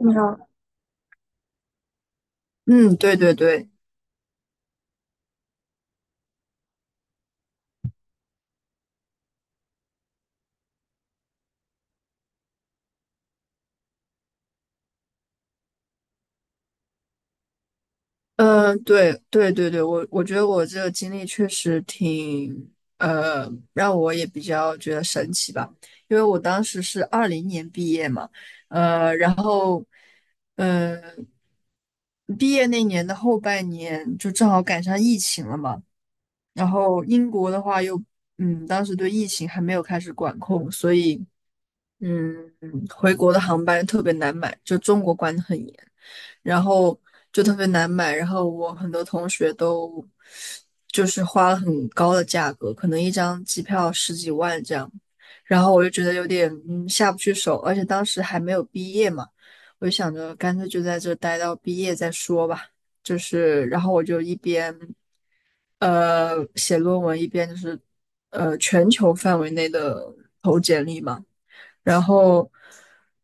你好。嗯，对对对，嗯，对对对对，我觉得我这个经历确实挺，让我也比较觉得神奇吧。因为我当时是二零年毕业嘛，呃，然后，呃，毕业那年的后半年就正好赶上疫情了嘛。然后英国的话又，嗯，当时对疫情还没有开始管控，所以。嗯，回国的航班特别难买，就中国管得很严，然后就特别难买。然后我很多同学都就是花了很高的价格，可能一张机票十几万这样。然后我就觉得有点下不去手，而且当时还没有毕业嘛，我就想着干脆就在这待到毕业再说吧。就是，然后我就一边写论文，一边就是全球范围内的投简历嘛。然后，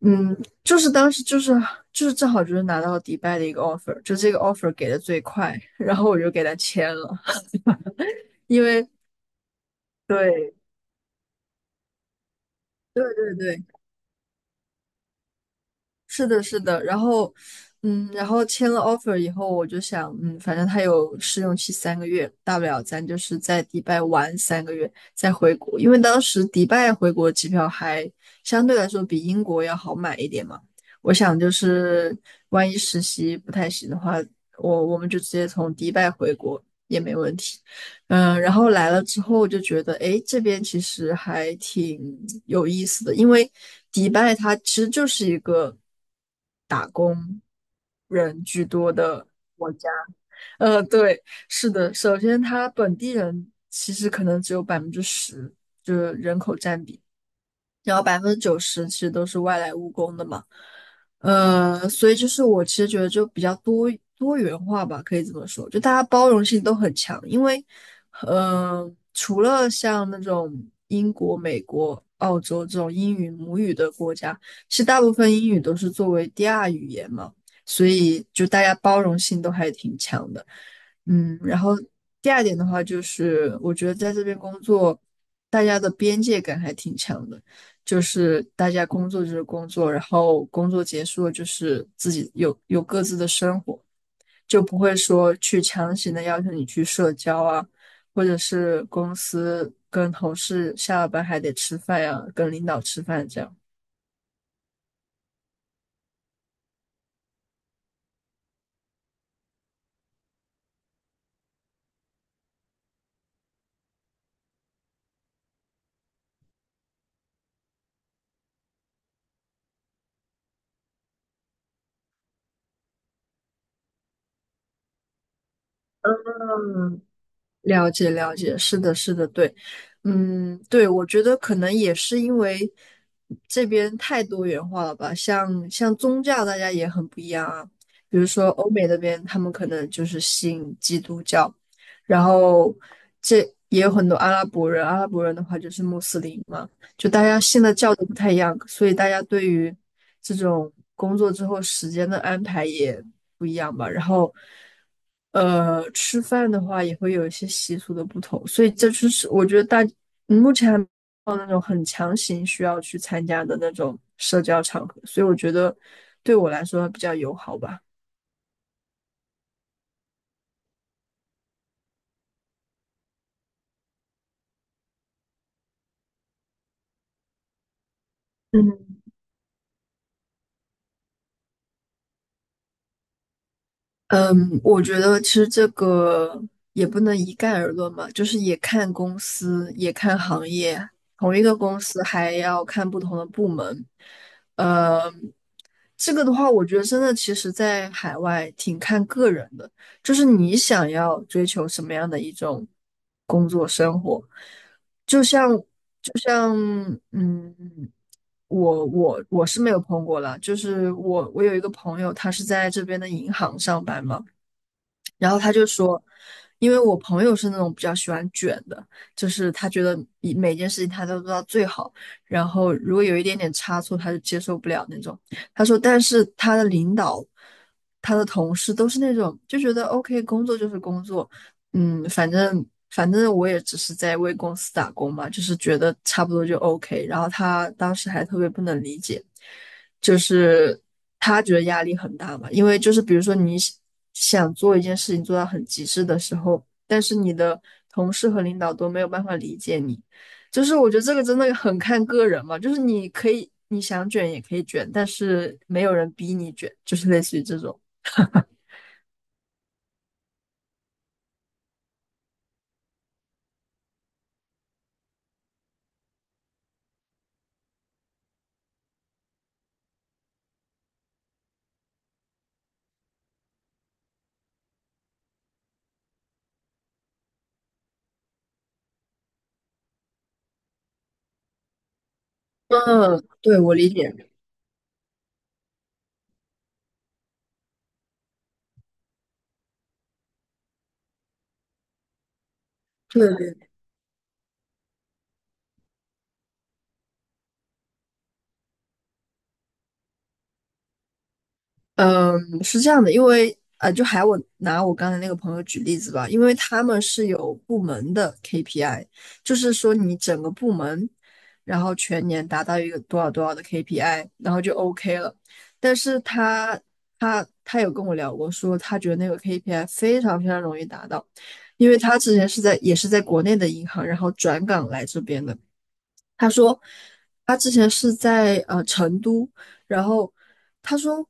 嗯，就是当时就是就是正好就是拿到迪拜的一个 offer,就这个 offer 给的最快，然后我就给他签了，因为对对对对，是的，是的。然后,然后签了 offer 以后，我就想，嗯，反正他有试用期三个月，大不了咱就是在迪拜玩三个月再回国，因为当时迪拜回国机票还相对来说比英国要好买一点嘛。我想就是万一实习不太行的话，我们就直接从迪拜回国也没问题。嗯，然后来了之后我就觉得，哎，这边其实还挺有意思的。因为迪拜它其实就是一个人居多的国家。呃，对，是的。首先它本地人其实可能只有百分之十，就是人口占比。然后百分之九十其实都是外来务工的嘛。呃，所以就是我其实觉得就比较多元化吧，可以这么说，就大家包容性都很强。因为，呃，除了像那种英国、美国、澳洲这种英语母语的国家，其实大部分英语都是作为第二语言嘛，所以就大家包容性都还挺强的。嗯，然后第二点的话就是，我觉得在这边工作，大家的边界感还挺强的。就是大家工作就是工作，然后工作结束了就是自己有各自的生活，就不会说去强行的要求你去社交啊，或者是公司跟同事下了班还得吃饭呀、啊跟领导吃饭这样。嗯，了解了解，是的，是的，对。嗯，对，我觉得可能也是因为这边太多元化了吧，像宗教大家也很不一样啊。比如说欧美那边他们可能就是信基督教，然后这也有很多阿拉伯人，阿拉伯人的话就是穆斯林嘛，就大家信的教都不太一样，所以大家对于这种工作之后时间的安排也不一样吧。然后，呃，吃饭的话也会有一些习俗的不同，所以这就是我觉得目前还没有那种很强行需要去参加的那种社交场合，所以我觉得对我来说比较友好吧。嗯。嗯，我觉得其实这个也不能一概而论嘛，就是也看公司，也看行业，同一个公司还要看不同的部门。呃，这个的话，我觉得真的其实在海外挺看个人的，就是你想要追求什么样的一种工作生活。就像就像嗯，我是没有碰过了，就是我有一个朋友，他是在这边的银行上班嘛。然后他就说，因为我朋友是那种比较喜欢卷的，就是他觉得每件事情他都做到最好，然后如果有一点点差错，他就接受不了那种。他说，但是他的领导、他的同事都是那种就觉得 OK,工作就是工作，嗯，反正我也只是在为公司打工嘛，就是觉得差不多就 OK。然后他当时还特别不能理解。就是他觉得压力很大嘛，因为就是比如说你想做一件事情做到很极致的时候，但是你的同事和领导都没有办法理解你。就是我觉得这个真的很看个人嘛，就是你可以你想卷也可以卷，但是没有人逼你卷，就是类似于这种。嗯，对，我理解。对，嗯，是这样的。因为呃，就还我拿我刚才那个朋友举例子吧，因为他们是有部门的 KPI,就是说你整个部门，然后全年达到一个多少多少的 KPI,然后就 OK 了。但是他有跟我聊过说，他觉得那个 KPI 非常非常容易达到，因为他之前是在也是在国内的银行，然后转岗来这边的。他说他之前是在成都，然后他说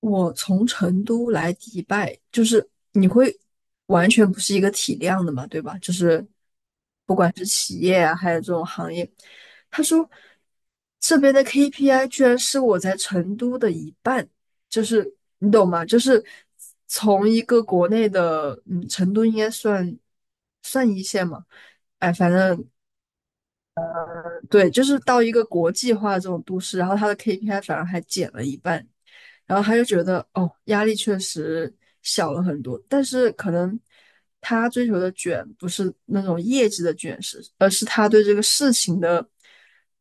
我从成都来迪拜，就是你会完全不是一个体量的嘛，对吧？就是行业，他说这边的 KPI 居然是我在成都的一半，就是你懂吗？就是从一个国内的，嗯，成都应该算一线嘛，哎，反正对，就是到一个国际化的这种都市，然后他的 KPI 反而还减了一半，然后他就觉得哦，压力确实小了很多，但是可能他追求的卷不是那种业绩的卷，而是他对这个事情的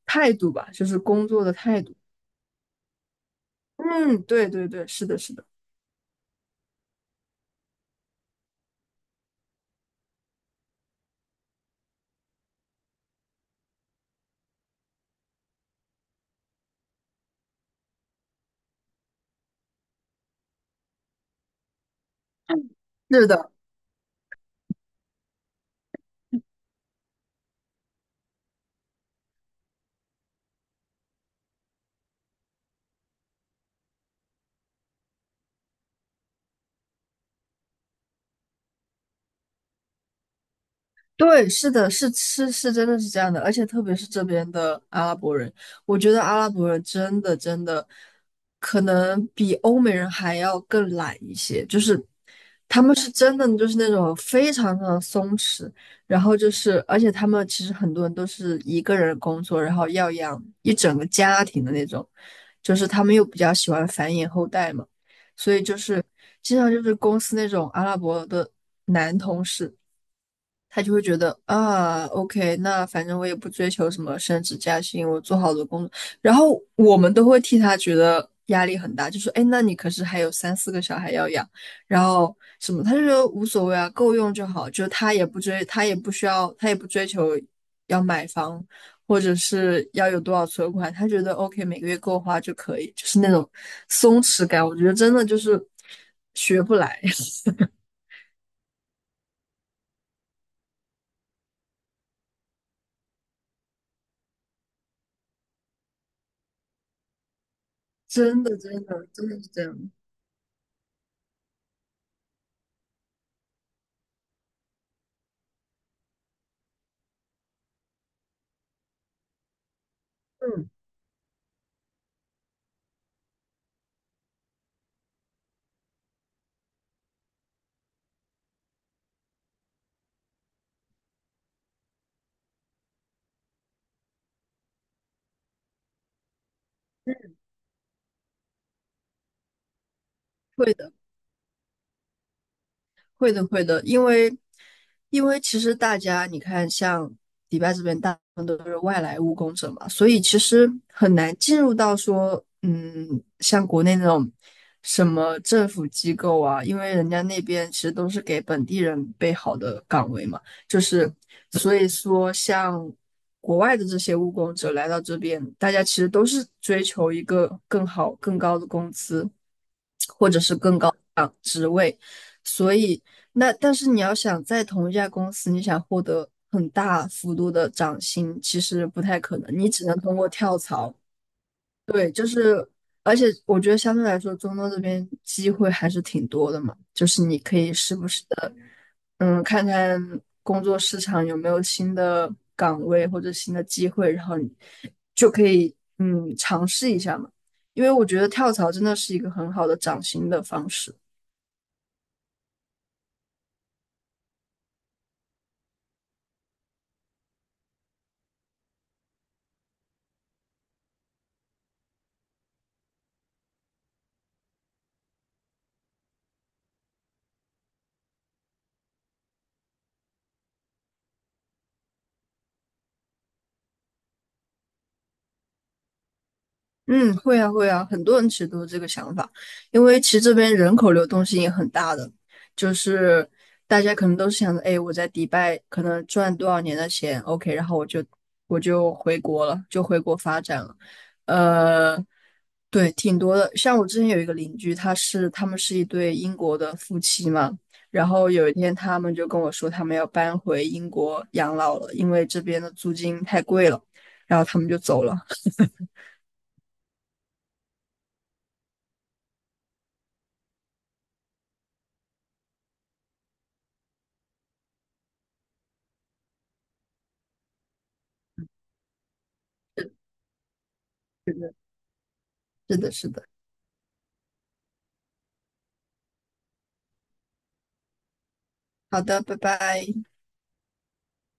态度吧，就是工作的态度。嗯，对对对，是的，是的，是的。对，是的，是是是，真的是这样的。而且特别是这边的阿拉伯人，我觉得阿拉伯人真的真的可能比欧美人还要更懒一些，就是他们是真的就是那种非常非常松弛。然后就是而且他们其实很多人都是一个人工作，然后要养一整个家庭的那种，就是他们又比较喜欢繁衍后代嘛。所以就是经常就是公司那种阿拉伯的男同事。他就会觉得啊，OK,那反正我也不追求什么升职加薪，我做好了工作，然后我们都会替他觉得压力很大，就说，哎，那你可是还有三四个小孩要养，然后什么，他就说无所谓啊，够用就好。就他也不追，他也不需要，他也不追求要买房或者是要有多少存款，他觉得 OK,每个月够花就可以。就是那种松弛感，我觉得真的就是学不来。真的真的真的是这样。嗯，会的。会的，会的，因为其实大家你看，像迪拜这边大部分都是外来务工者嘛，所以其实很难进入到说，嗯，像国内那种什么政府机构啊，因为人家那边其实都是给本地人备好的岗位嘛。就是所以说像国外的这些务工者来到这边，大家其实都是追求一个更好、更高的工资。对，所以但是你要想在同一家公司，你想获得很大幅度的涨薪，其实不太可能，你只能通过跳槽。对，就是，而且我觉得相对来说，中东这边机会还是挺多的嘛，就是你可以时不时的，嗯，看看工作市场有没有新的岗位或者新的机会，然后你就可以尝试一下嘛。因为我觉得跳槽真的是一个很好的涨薪的方式。嗯，会啊会啊，很多人其实都是这个想法，因为其实这边人口流动性也很大的，就是大家可能都是想着，哎，我在迪拜可能赚多少年的钱，OK,然后我就回国了，就回国发展了。呃，对，挺多的。像我之前有一个邻居，他们是一对英国的夫妻嘛，然后有一天他们就跟我说，他们要搬回英国养老了，因为这边的租金太贵了，然后他们就走了。是的，是的，是的。好的，拜拜。